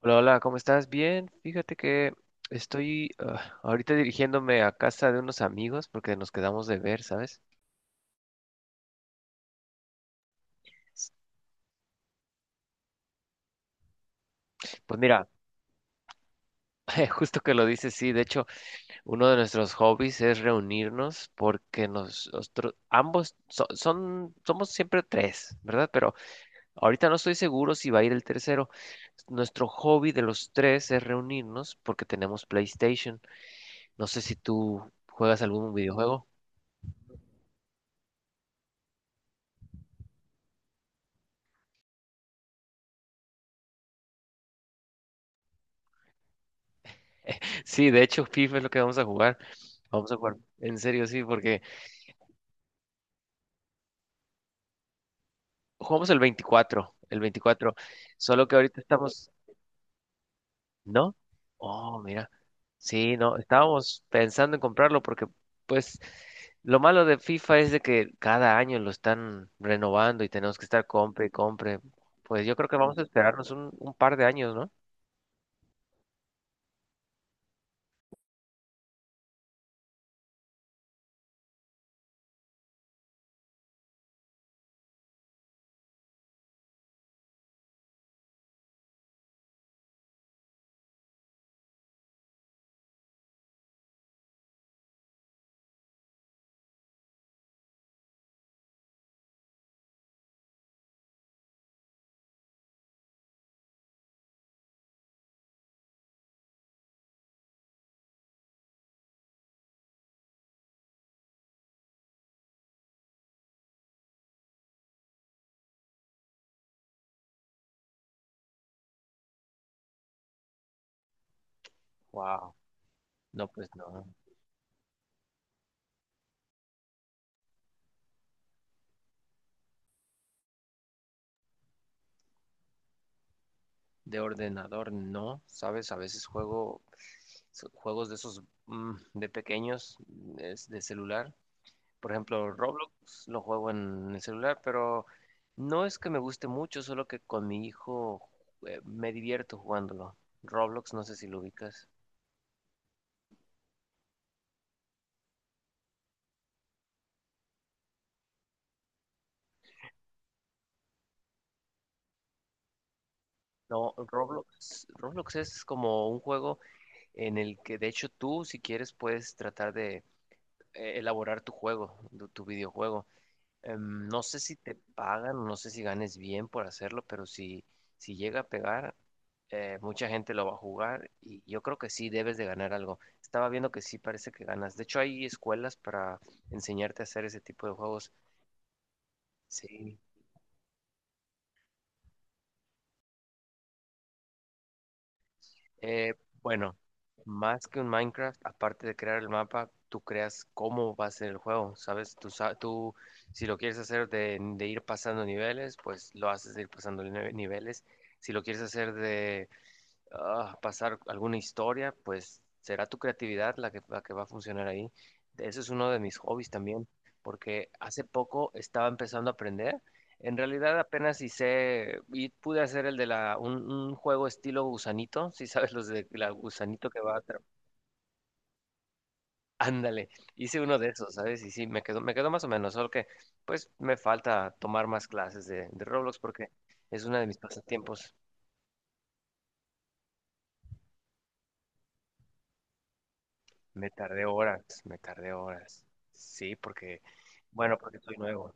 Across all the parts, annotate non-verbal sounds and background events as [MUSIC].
Hola, hola, ¿cómo estás? Bien, fíjate que estoy ahorita dirigiéndome a casa de unos amigos porque nos quedamos de ver, ¿sabes? Pues mira, [LAUGHS] justo que lo dices, sí, de hecho, uno de nuestros hobbies es reunirnos porque nosotros ambos somos siempre tres, ¿verdad? Pero ahorita no estoy seguro si va a ir el tercero. Nuestro hobby de los tres es reunirnos porque tenemos PlayStation. No sé si tú juegas algún videojuego. Sí, de hecho, FIFA es lo que vamos a jugar. Vamos a jugar, en serio, sí, porque jugamos el 24, el 24. Solo que ahorita estamos, ¿no? Oh, mira. Sí, no, estábamos pensando en comprarlo porque, pues, lo malo de FIFA es de que cada año lo están renovando y tenemos que estar compre y compre. Pues yo creo que vamos a esperarnos un par de años, ¿no? Wow. No, pues no. De ordenador, no, sabes, a veces juego juegos de esos de pequeños, es de celular. Por ejemplo, Roblox lo juego en el celular, pero no es que me guste mucho, solo que con mi hijo me divierto jugándolo. Roblox, no sé si lo ubicas. No, Roblox, Roblox es como un juego en el que de hecho tú, si quieres, puedes tratar de elaborar tu juego, tu videojuego. No sé si te pagan o no sé si ganes bien por hacerlo, pero si llega a pegar, mucha gente lo va a jugar y yo creo que sí debes de ganar algo. Estaba viendo que sí parece que ganas. De hecho, hay escuelas para enseñarte a hacer ese tipo de juegos. Sí, Eh, bueno, más que un Minecraft, aparte de crear el mapa, tú creas cómo va a ser el juego, ¿sabes? Tú si lo quieres hacer de ir pasando niveles, pues lo haces de ir pasando niveles. Si lo quieres hacer de pasar alguna historia, pues será tu creatividad la que va a funcionar ahí. Ese es uno de mis hobbies también, porque hace poco estaba empezando a aprender. En realidad apenas hice y pude hacer el de la un juego estilo gusanito, si sabes los de la gusanito. Que va a tra- Ándale, hice uno de esos, ¿sabes? Y sí, me quedó más o menos, solo que pues me falta tomar más clases de Roblox porque es una de mis pasatiempos. Me tardé horas, me tardé horas. Sí, porque, bueno, porque soy nuevo.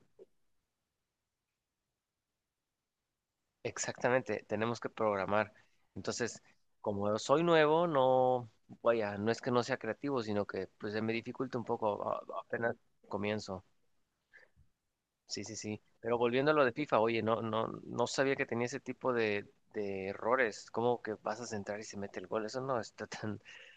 Exactamente, tenemos que programar. Entonces, como soy nuevo, no, vaya, no es que no sea creativo, sino que pues se me dificulta un poco, apenas comienzo. Sí, sí, sí. Pero volviendo a lo de FIFA, oye, no, no, no sabía que tenía ese tipo de errores. ¿Cómo que vas a centrar y se mete el gol? Eso no está tan. [LAUGHS]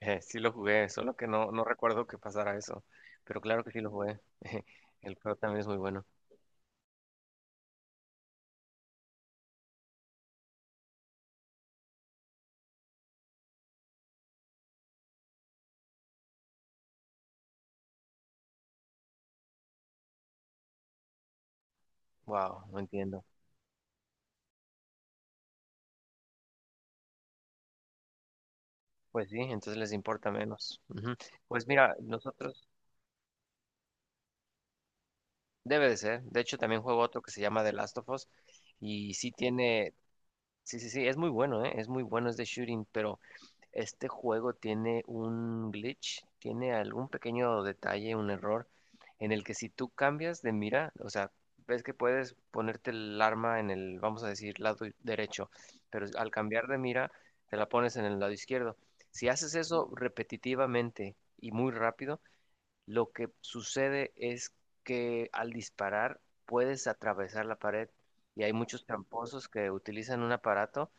Sí lo jugué, solo que no, no recuerdo que pasara eso. Pero claro que sí lo jugué. [LAUGHS] El juego también es muy bueno. Wow, no entiendo. Pues sí, entonces les importa menos. Ujú. Pues mira, nosotros. Debe de ser. De hecho, también juego otro que se llama The Last of Us. Y sí tiene. Sí, sí, sí. Es muy bueno, ¿eh? Es muy bueno, es de shooting. Pero este juego tiene un glitch. Tiene algún pequeño detalle, un error. En el que si tú cambias de mira, o sea, ves que puedes ponerte el arma en el, vamos a decir, lado derecho. Pero al cambiar de mira, te la pones en el lado izquierdo. Si haces eso repetitivamente y muy rápido lo que sucede es que al disparar puedes atravesar la pared y hay muchos tramposos que utilizan un aparato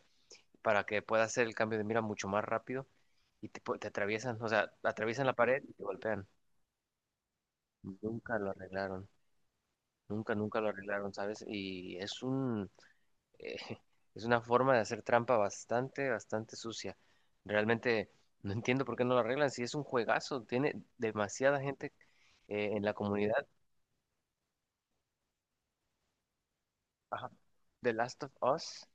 para que puedas hacer el cambio de mira mucho más rápido y te, te atraviesan, o sea, atraviesan la pared y te golpean. Nunca lo arreglaron, nunca, nunca lo arreglaron, ¿sabes? Y es un, eh, [LAUGHS] es una forma de hacer trampa bastante, bastante sucia. Realmente no entiendo por qué no lo arreglan, si es un juegazo, tiene demasiada gente en la comunidad. Ajá. The Last of Us.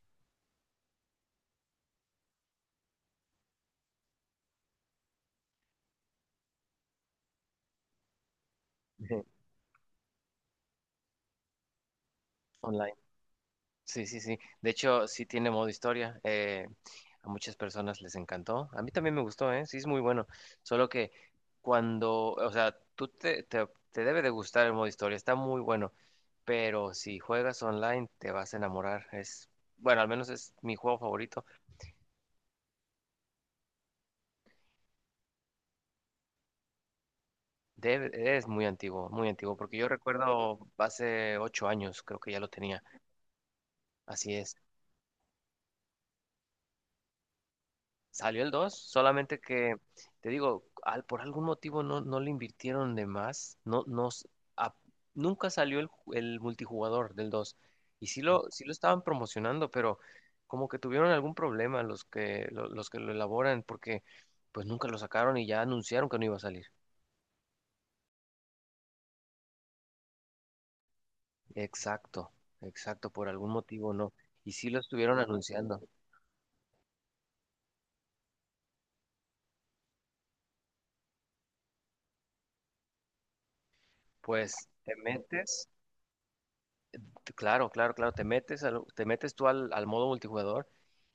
Ujú. Online. Sí, sí, sí. De hecho, sí tiene modo historia. A muchas personas les encantó. A mí también me gustó, ¿eh? Sí, es muy bueno. Solo que cuando, o sea, tú te debe de gustar el modo historia. Está muy bueno. Pero si juegas online, te vas a enamorar. Es, bueno, al menos es mi juego favorito. Debe- es muy antiguo, muy antiguo. Porque yo recuerdo hace 8 años, creo que ya lo tenía. Así es. Salió el 2 solamente que, te digo, por algún motivo no, no le invirtieron de más. No, no, a- nunca salió el, el multijugador del dos. Y sí lo estaban promocionando, pero como que tuvieron algún problema los que lo elaboran, porque pues nunca lo sacaron y ya anunciaron que no iba a salir. Exacto, exacto, por algún motivo no. Y sí lo estuvieron anunciando. Pues te metes, claro, claro, claro, te metes, te metes tú al modo multijugador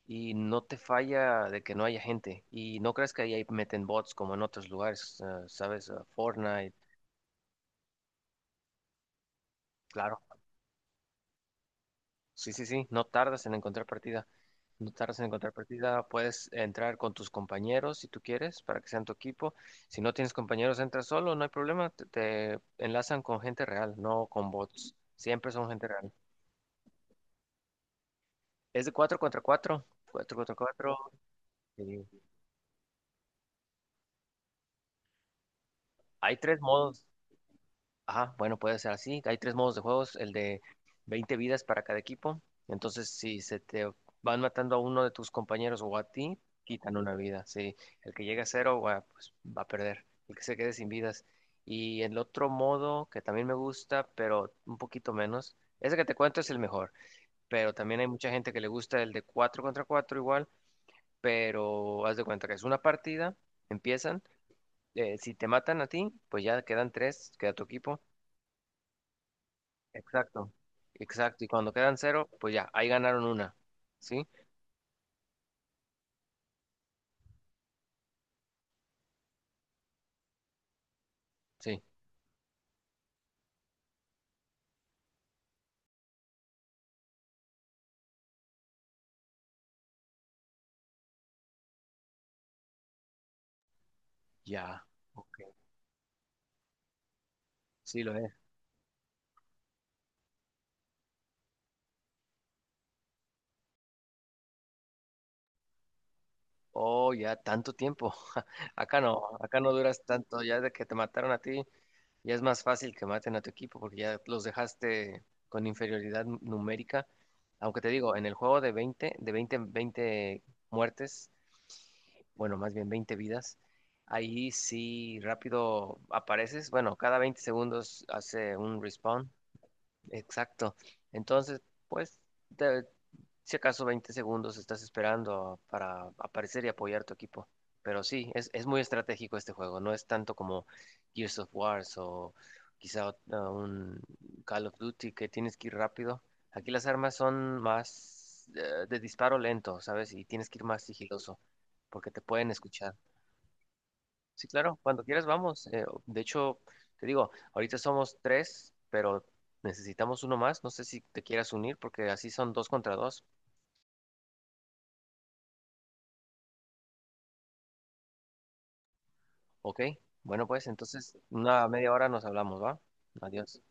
y no te falla de que no haya gente. Y no creas que ahí meten bots como en otros lugares, ¿sabes? Fortnite, claro. Sí, sí, sí, no tardas en encontrar partida. No tardas en encontrar partida. Puedes entrar con tus compañeros si tú quieres, para que sean tu equipo. Si no tienes compañeros, entras solo, no hay problema. Te enlazan con gente real, no con bots. Siempre son gente real. Es de 4 contra cuatro, 4 contra cuatro. Hay tres modos. Ajá, bueno, puede ser así. Hay tres modos de juegos, el de 20 vidas para cada equipo. Entonces, si se te van matando a uno de tus compañeros o a ti, quitan una vida. Si el que llega a cero, va, pues va a perder. El que se quede sin vidas. Y el otro modo que también me gusta, pero un poquito menos, ese que te cuento es el mejor. Pero también hay mucha gente que le gusta el de 4 contra 4 igual, pero haz de cuenta que es una partida, empiezan. Si te matan a ti, pues ya quedan tres, queda tu equipo. Exacto. Exacto, y cuando quedan cero, pues ya, ahí ganaron una. ¿Sí? Sí, ya, ok. Sí lo es. Oh, ya, tanto tiempo. [LAUGHS] Acá no duras tanto. Ya de que te mataron a ti, ya es más fácil que maten a tu equipo porque ya los dejaste con inferioridad numérica. Aunque te digo, en el juego de 20, de 20, 20 muertes, bueno, más bien 20 vidas, ahí sí rápido apareces. Bueno, cada 20 segundos hace un respawn. Exacto. Entonces, pues, te- si acaso 20 segundos estás esperando para aparecer y apoyar tu equipo. Pero sí, es muy estratégico este juego. No es tanto como Gears of Wars o quizá un Call of Duty que tienes que ir rápido. Aquí las armas son más de disparo lento, ¿sabes? Y tienes que ir más sigiloso porque te pueden escuchar. Sí, claro, cuando quieras vamos. De hecho, te digo, ahorita somos tres, pero necesitamos uno más. No sé si te quieras unir porque así son dos contra dos. Ok, bueno, pues entonces una media hora nos hablamos, ¿va? Adiós.